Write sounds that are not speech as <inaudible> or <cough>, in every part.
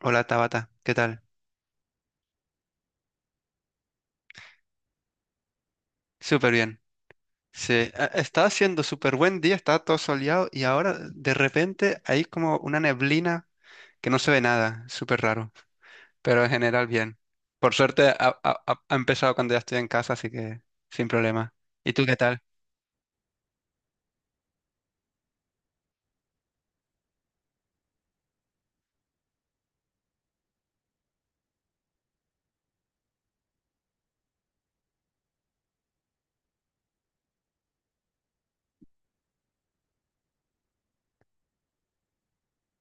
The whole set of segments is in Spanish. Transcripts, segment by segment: Hola Tabata, ¿qué tal? Súper bien. Sí, estaba haciendo súper buen día, estaba todo soleado y ahora de repente hay como una neblina que no se ve nada, súper raro, pero en general bien. Por suerte ha empezado cuando ya estoy en casa, así que sin problema. ¿Y tú qué tal?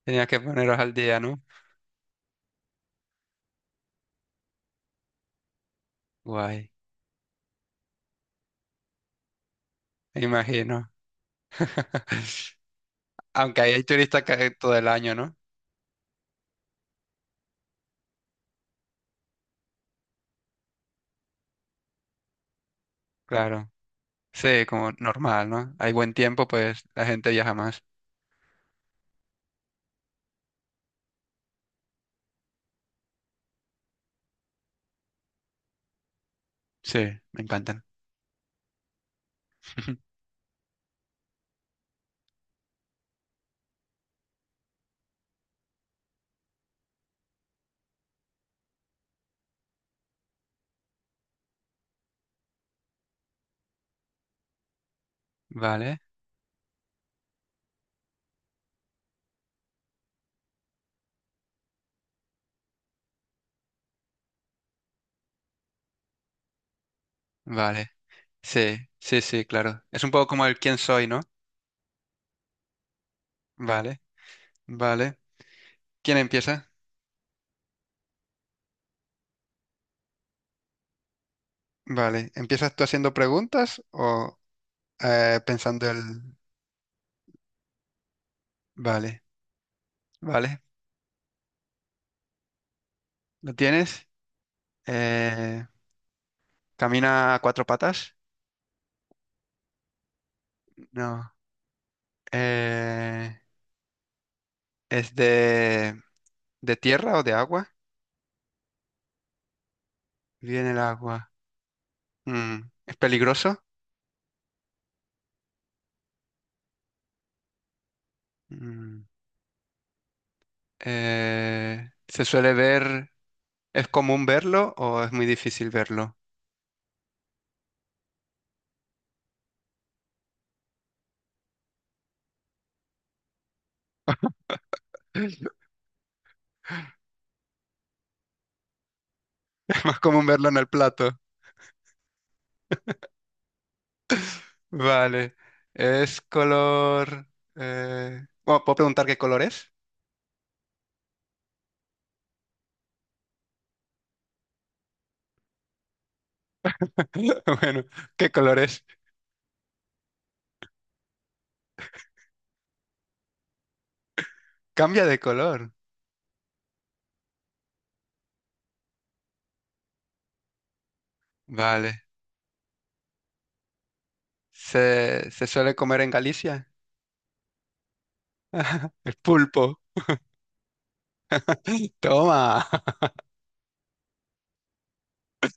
Tenías que poneros al día, ¿no? Guay, me imagino. <laughs> Aunque ahí hay todo el año, ¿no? Claro. Sí, como normal, ¿no? Hay buen tiempo, pues la gente viaja más. Sí, me encantan. <laughs> Vale. Vale, sí, sí, sí, claro. Es un poco como el quién soy, ¿no? Vale, vale. ¿Quién empieza? Vale, ¿empiezas tú haciendo preguntas o pensando el... Vale, vale. ¿Lo tienes? Eh, ¿Camina a cuatro patas? No. Eh, ¿Es de tierra o de agua? Viene el agua. Mm, ¿es peligroso? Mm, ¿se suele ver? ¿Es común verlo o es muy difícil verlo? Más común verlo en el plato. Vale. Es color... bueno, ¿puedo preguntar qué color es? <laughs> Bueno, ¿qué color es? Cambia de color. Vale. Se suele comer en Galicia? <laughs> El pulpo. <laughs> Toma.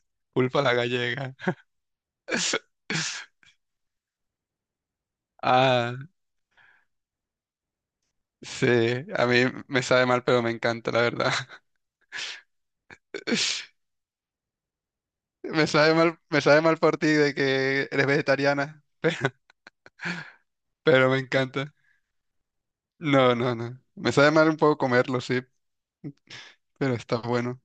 <laughs> Pulpo a la gallega. <laughs> Ah, sí. A mí me sabe mal, pero me encanta, la verdad. <laughs> Me sabe mal por ti de que eres vegetariana, <laughs> pero me encanta. No, no, no. Me sabe mal un poco comerlo, sí, pero está bueno.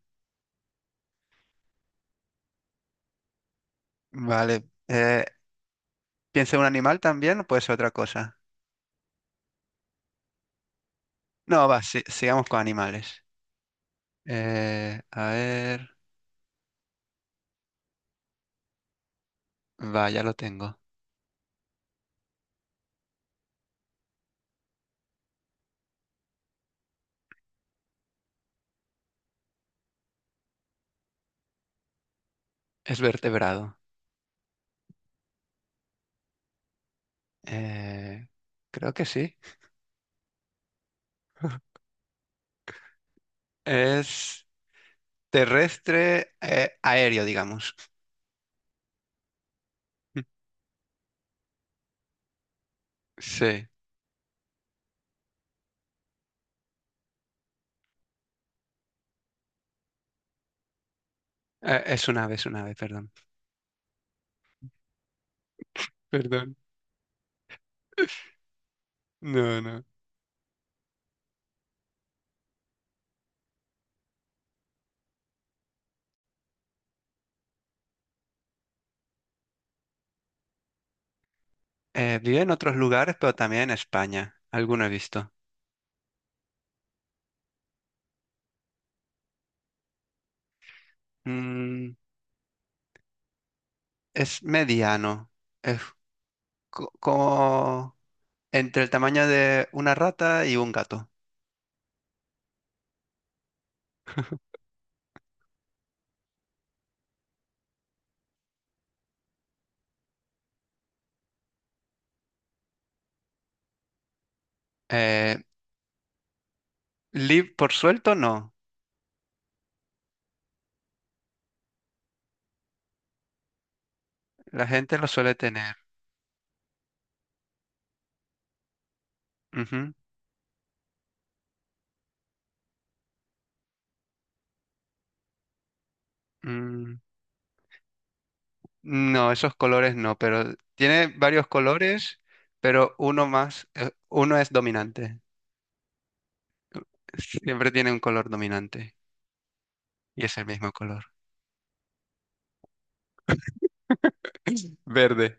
Vale. ¿Piensa en un animal también o puede ser otra cosa? No, va, sigamos con animales. A ver. Va, ya lo tengo. Es vertebrado. Eh, creo que sí. Es terrestre, aéreo, digamos. <laughs> Sí. Es un ave, perdón. Perdón. No, no. Vive en otros lugares, pero también en España. Alguno he visto. Mm, es mediano. Es como entre el tamaño de una rata y un gato. <laughs> Eh, lib por suelto, no. La gente lo suele tener. Ujú. Mm, no, esos colores no, pero tiene varios colores, pero uno más, uno es dominante. <laughs> Siempre tiene un color dominante y es el mismo color. Verde,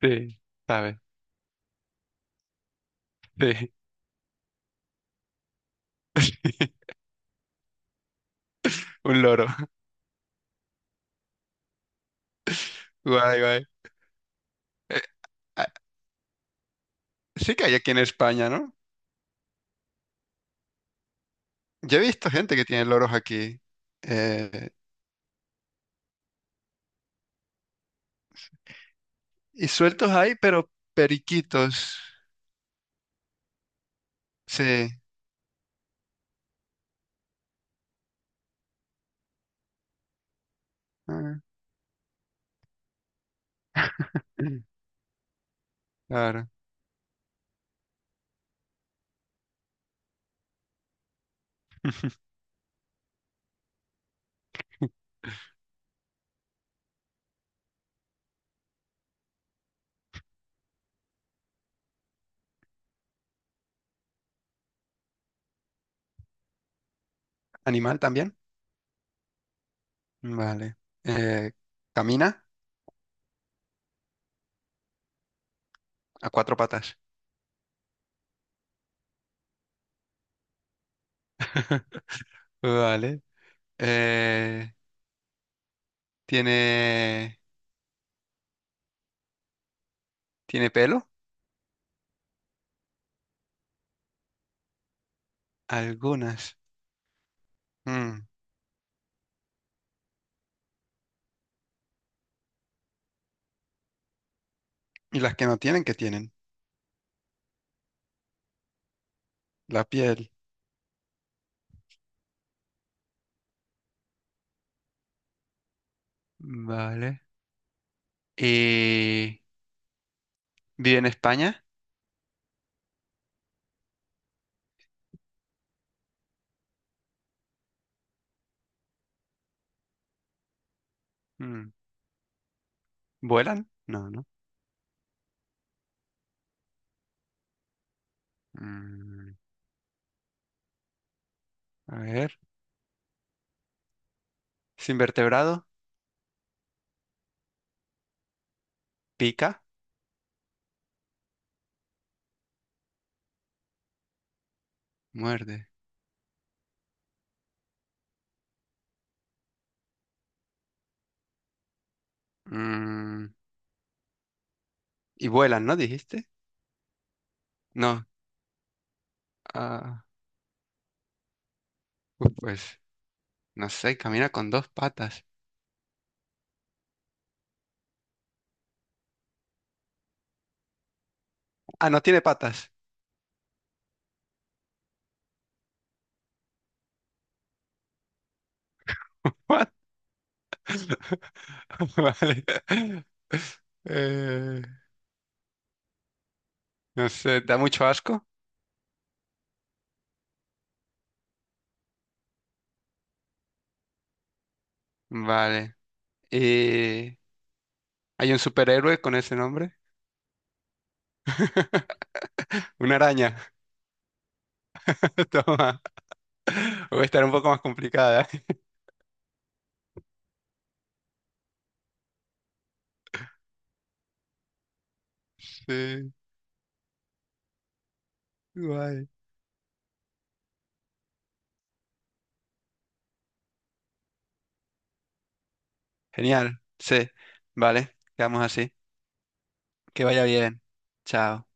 sí, ¿sabes? Sí. <laughs> Un loro. Guay, guay. Eh, ah, sí que hay aquí en España, ¿no? Yo he visto gente que tiene loros aquí. Eh, y sueltos hay, pero periquitos. Sí. Ah, <clears throat> claro. ¿Animal también? Vale. Eh, camina a cuatro patas. Vale. Eh, ¿tiene, tiene pelo? Algunas. Mm, ¿y las que no tienen, qué tienen? La piel. Vale. ¿Y vive en España? Mm, ¿vuelan? No, no. Mm, a ver. ¿Sin vertebrado? ¿Pica? Muerde. Mm, y vuelan, ¿no? ¿Dijiste? No. Ah, pues, no sé, camina con dos patas. Ah, no tiene patas. What? <laughs> Vale. Eh, no sé, da mucho asco. Vale. Eh, ¿Hay un superhéroe con ese nombre? <laughs> Una araña. <laughs> Toma. Voy a estar un poco más complicada. <laughs> Sí, guay. Genial. Sí. Vale, quedamos así. Que vaya bien. Chao.